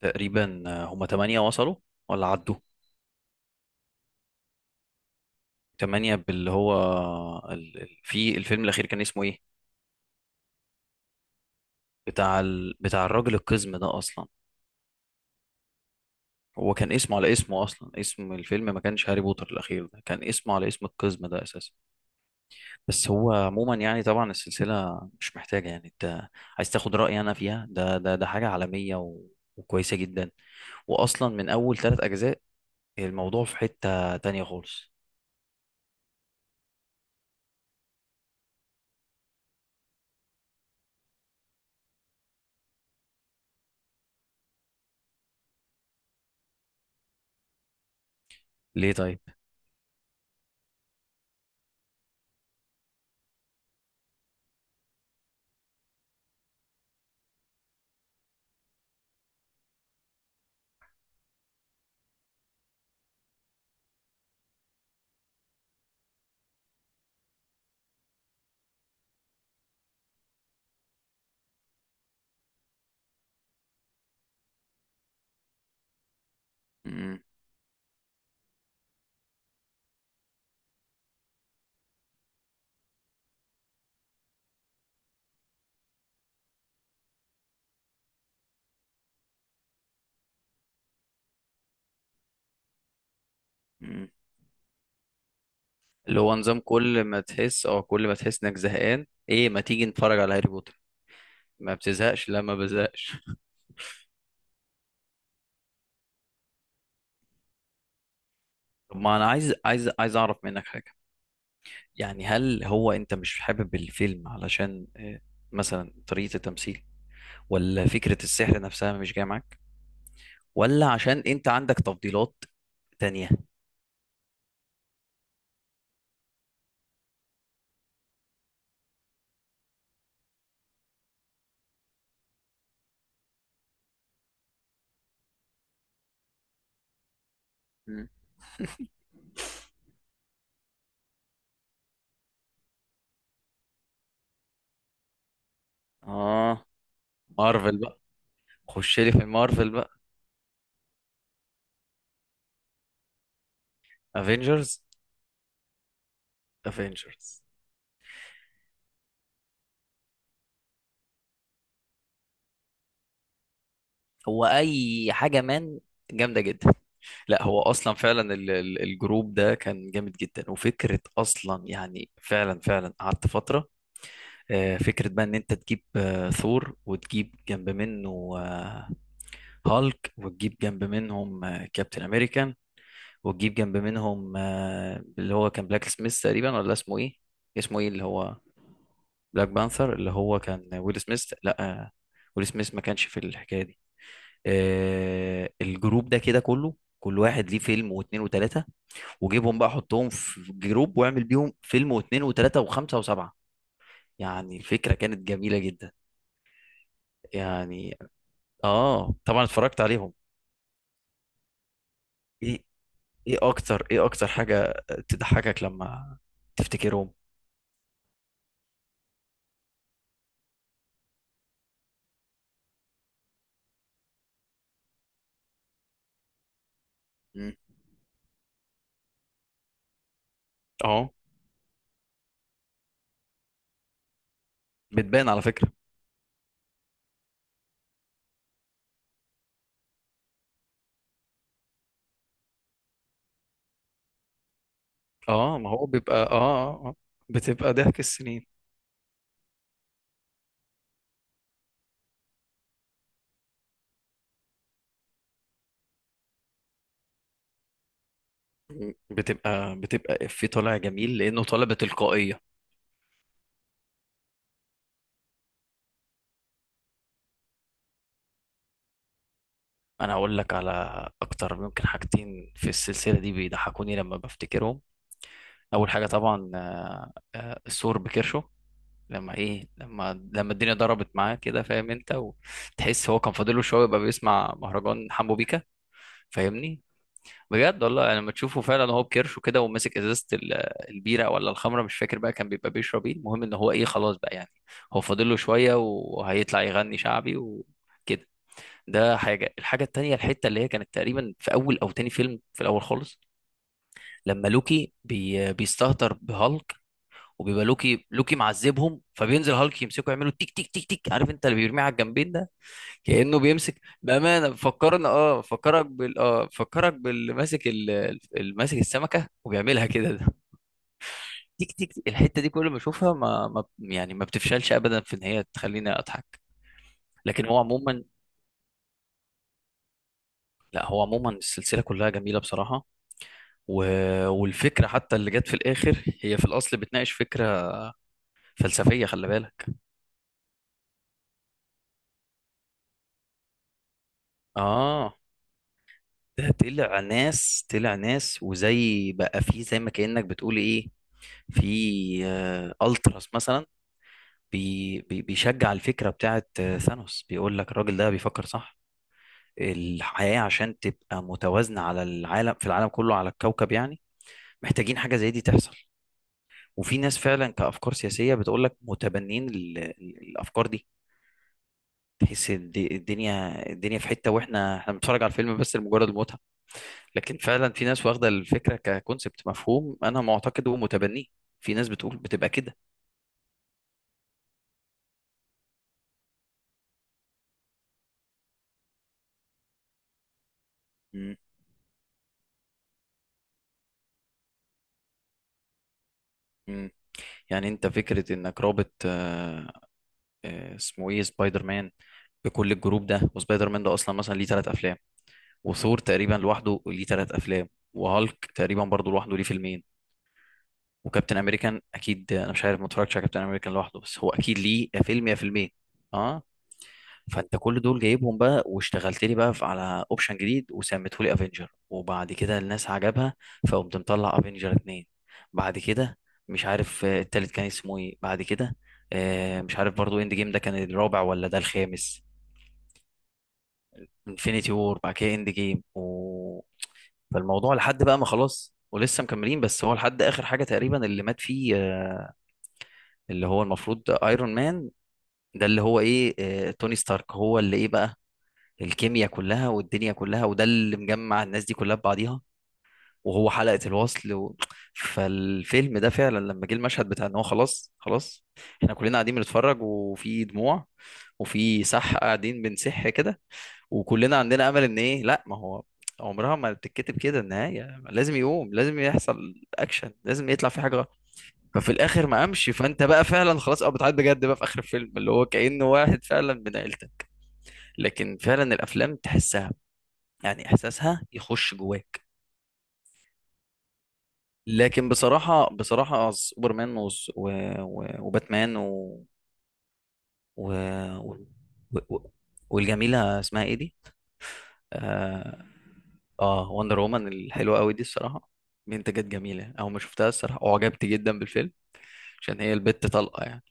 تقريبا آه، هم تمانية وصلوا ولا عدوا. تمانية، باللي هو في الفيلم الأخير كان اسمه إيه، بتاع بتاع الراجل القزم ده أصلا؟ هو كان اسمه على اسمه أصلا، اسم الفيلم ما كانش هاري بوتر الأخير ده، كان اسمه على اسم القزم ده أساسا. بس هو عموما يعني طبعا السلسلة مش محتاجة، يعني أنت عايز تاخد رأيي أنا فيها، ده حاجة عالمية و... وكويسة جدا، وأصلا من أول 3 أجزاء الموضوع في حتة تانية خالص. ليه طيب؟ م- م- اللي هو نظام كل ما تحس، او كل ما تحس انك زهقان، ايه ما تيجي نتفرج على هاري بوتر. ما بتزهقش؟ لا ما بزهقش. طب ما انا عايز اعرف منك حاجه، يعني هل هو انت مش حابب الفيلم علشان مثلا طريقه التمثيل، ولا فكره السحر نفسها مش جايه معاك، ولا عشان انت عندك تفضيلات تانية؟ مم. اه، مارفل بقى. خش لي في مارفل بقى. افنجرز. افنجرز. هو اي حاجه مان جامده جدا. لا، هو اصلا فعلا الجروب ده كان جامد جدا، وفكره اصلا يعني فعلا فعلا قعدت فتره. فكره بقى ان انت تجيب ثور، وتجيب جنب منه هالك، وتجيب جنب منهم كابتن امريكان، وتجيب جنب منهم اللي هو كان بلاك سميث تقريبا، ولا اسمه ايه؟ اسمه ايه اللي هو؟ بلاك بانثر، اللي هو كان ويل سميث. لا ويل سميث ما كانش في الحكايه دي. الجروب ده كده كله، كل واحد ليه فيلم واتنين وتلاته، وجيبهم بقى حطهم في جروب واعمل بيهم فيلم واثنين وثلاثة وخمسة وسبعة. يعني الفكرة كانت جميلة جدا. يعني اه، طبعا اتفرجت عليهم. ايه؟ اكتر حاجة تضحكك لما تفتكرهم؟ مم. اه، بتبان على فكرة. اه، ما هو بيبقى اه بتبقى ضحك السنين. مم. بتبقى في طالع جميل لانه طالع بتلقائية. انا هقول لك على اكتر ممكن حاجتين في السلسلة دي بيضحكوني لما بفتكرهم. اول حاجه طبعا السور بكرشه، لما ايه، لما الدنيا ضربت معاه كده، فاهم انت، وتحس هو كان فاضله شويه يبقى بيسمع مهرجان حمو بيكا. فاهمني؟ بجد والله، يعني لما تشوفه فعلا هو بكرشه كده وماسك ازازه البيره ولا الخمره مش فاكر بقى كان بيبقى بيشرب ايه، المهم ان هو ايه خلاص بقى، يعني هو فاضله شويه وهيطلع يغني شعبي وكده. ده حاجه. الحاجه التانيه، الحته اللي هي كانت تقريبا في اول او تاني فيلم في الاول خالص، لما لوكي بي بيستهتر بهالك، وبيبقى لوكي معذبهم، فبينزل هالك يمسكه يعملوا تيك تيك تيك تيك، عارف انت اللي بيرميه على الجنبين ده، كأنه بيمسك بأمانة، فكرنا اه، فكرك بال، اه فكرك باللي ماسك اللي ماسك السمكة وبيعملها كده ده. تيك تيك تيك. الحتة دي كل ما اشوفها ما بتفشلش ابدا في ان هي تخليني اضحك. لكن هو عموما، لا هو عموما السلسلة كلها جميلة بصراحة، و... والفكرة حتى اللي جت في الآخر هي في الأصل بتناقش فكرة فلسفية، خلي بالك. اه، ده طلع ناس، طلع ناس وزي بقى في زي، ما كأنك بتقول ايه، في التراس مثلا بي بيشجع الفكرة بتاعت ثانوس، بيقول لك الراجل ده بيفكر صح، الحياة عشان تبقى متوازنة على العالم، في العالم كله على الكوكب يعني محتاجين حاجة زي دي تحصل. وفي ناس فعلا، كأفكار سياسية، بتقول لك متبنين الأفكار دي. تحس الدنيا في حتة، واحنا بنتفرج على الفيلم بس لمجرد المتعة، لكن فعلا في ناس واخده الفكره ككونسبت مفهوم، انا معتقد ومتبنيه، في ناس بتقول بتبقى كده. مم. مم. يعني انت فكره انك رابط اسمه ايه، سبايدر مان بكل الجروب ده، وسبايدر مان ده اصلا مثلا ليه 3 افلام، وثور تقريبا لوحده ليه 3 افلام، وهالك تقريبا برضه لوحده ليه فيلمين، وكابتن امريكان اكيد، انا مش عارف ما اتفرجتش على كابتن امريكان لوحده، بس هو اكيد ليه يا فيلم يا فيلمين. اه، فانت كل دول جايبهم بقى واشتغلت لي بقى على اوبشن جديد وسميته لي افنجر، وبعد كده الناس عجبها فقمت مطلع افنجر اتنين، بعد كده مش عارف التالت كان اسمه ايه بعد كده، مش عارف برضو اند جيم ده كان الرابع ولا ده الخامس. انفينيتي وور بعد كده اند جيم و... فالموضوع لحد بقى ما خلاص، ولسه مكملين، بس هو لحد اخر حاجه تقريبا اللي مات فيه اللي هو المفروض ايرون مان، ده اللي هو ايه توني ستارك، هو اللي ايه بقى الكيمياء كلها والدنيا كلها، وده اللي مجمع الناس دي كلها ببعضيها، وهو حلقة الوصل و... فالفيلم ده فعلا لما جه المشهد بتاع ان هو خلاص خلاص، احنا كلنا قاعدين بنتفرج وفي دموع، وفي سح قاعدين بنسح كده، وكلنا عندنا امل ان ايه، لا ما هو عمرها ما بتتكتب كده النهاية، لازم يقوم، لازم يحصل اكشن، لازم يطلع في حاجة غلط. ففي الاخر ما قامش، فانت بقى فعلا خلاص، اه بتعيط بجد بقى في اخر الفيلم، اللي هو كأنه واحد فعلا من عيلتك، لكن فعلا الافلام تحسها يعني احساسها يخش جواك. لكن بصراحه، بصراحه سوبرمان و... و... و- وباتمان و... و... و... و... والجميله اسمها ايه دي؟ اه، وندر وومن الحلوه قوي دي الصراحه، منتجات جميله، او ما شفتها الصراحه وعجبت جدا بالفيلم عشان هي البت طلقه يعني.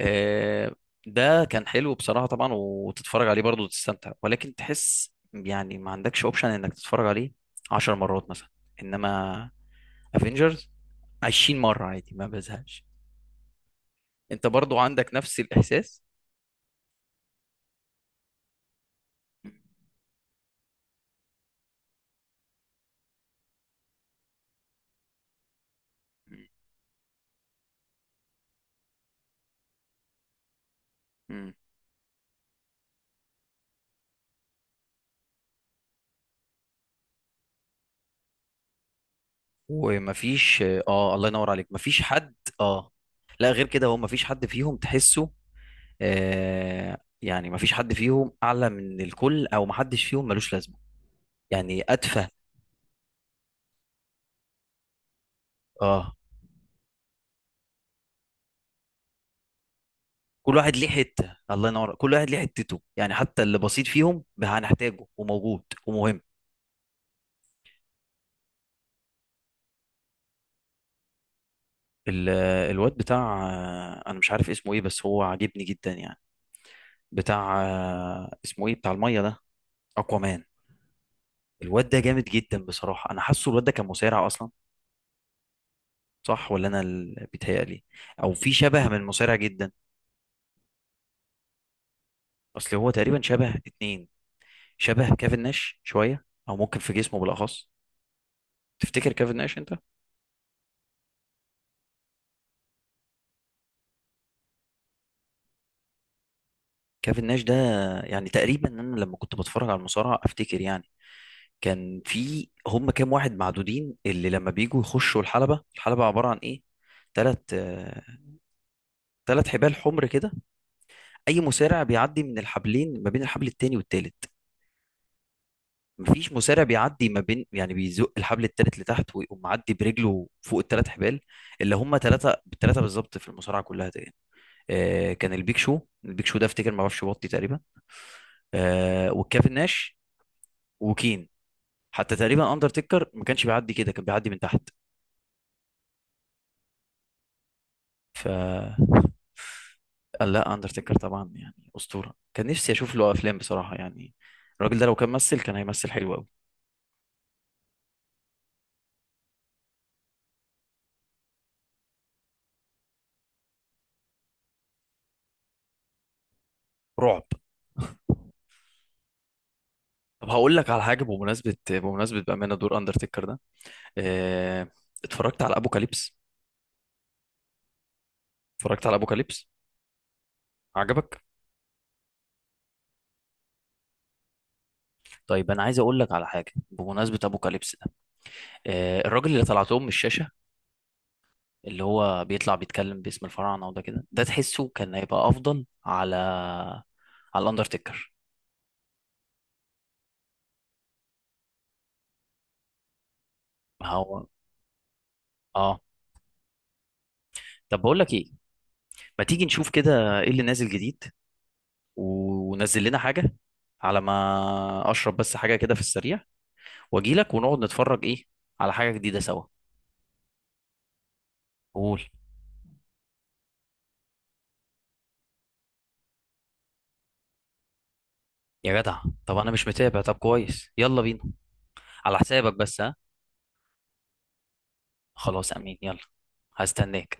آه، ده كان حلو بصراحة طبعا، وتتفرج عليه برضه وتستمتع، ولكن تحس يعني ما عندكش اوبشن انك تتفرج عليه 10 مرات مثلا. انما افنجرز 20 مرة عادي ما بزهقش. انت برضو عندك نفس الإحساس؟ مم. ومفيش، اه الله ينور عليك، مفيش حد. اه، لا غير كده، هو مفيش حد فيهم تحسه آه، يعني مفيش حد فيهم أعلى من الكل، أو محدش فيهم ملوش لازمة، يعني أتفه. اه، كل واحد ليه حتة، الله ينور، كل واحد ليه حتته، يعني حتى اللي بسيط فيهم هنحتاجه وموجود ومهم. ال- الواد بتاع انا مش عارف اسمه ايه بس هو عاجبني جدا يعني، بتاع اسمه ايه، بتاع الميه ده، اكوامان. الواد ده جامد جدا بصراحه. انا حاسه الواد ده كان مصارع اصلا، صح ولا انا اللي بيتهيألي؟ او في شبه من مصارع جدا. اصل هو تقريبا شبه اتنين، شبه كيفن ناش شويه، او ممكن في جسمه بالاخص. تفتكر كيفن ناش انت، كيفن ناش ده؟ يعني تقريبا انا لما كنت بتفرج على المصارعه افتكر يعني كان في هم كام واحد معدودين، اللي لما بيجوا يخشوا الحلبه، الحلبه عباره عن ايه، تلات 3 حبال حمر كده، اي مصارع بيعدي من الحبلين، ما بين الحبل التاني والتالت، مفيش مصارع بيعدي ما بين، يعني بيزق الحبل التالت لتحت ويقوم معدي برجله فوق التلات حبال اللي هم تلاتة بالتلاتة بالظبط في المصارعة كلها تقريبا. آه كان البيك شو، البيك شو ده افتكر ما اعرفش بطي تقريبا، والكافن ناش، وكين، حتى تقريبا اندرتيكر ما كانش بيعدي كده، كان بيعدي من تحت. ف قال لا اندرتيكر طبعا يعني اسطورة، كان نفسي اشوف له افلام بصراحة يعني، الراجل ده لو كان ممثل كان هيمثل حلو قوي. رعب. طب هقول لك على حاجة، بمناسبة بأمانة دور اندرتيكر ده آه، اتفرجت على ابوكاليبس؟ اتفرجت على ابوكاليبس؟ عجبك؟ طيب انا عايز اقول لك على حاجه بمناسبه ابوكاليبس ده، الراجل اللي طلعتهم من الشاشه، اللي هو بيطلع بيتكلم باسم الفراعنه وده كده، ده تحسه كان هيبقى افضل على، على الاندرتيكر. ما هو اه. طب بقول لك ايه، ما تيجي نشوف كده ايه اللي نازل جديد، ونزل لنا حاجه على ما اشرب بس حاجه كده في السريع، واجي لك ونقعد نتفرج ايه على حاجه جديده سوا. قول. يا جدع، طب انا مش متابع، طب كويس، يلا بينا. على حسابك بس ها؟ خلاص امين، يلا، هستناك.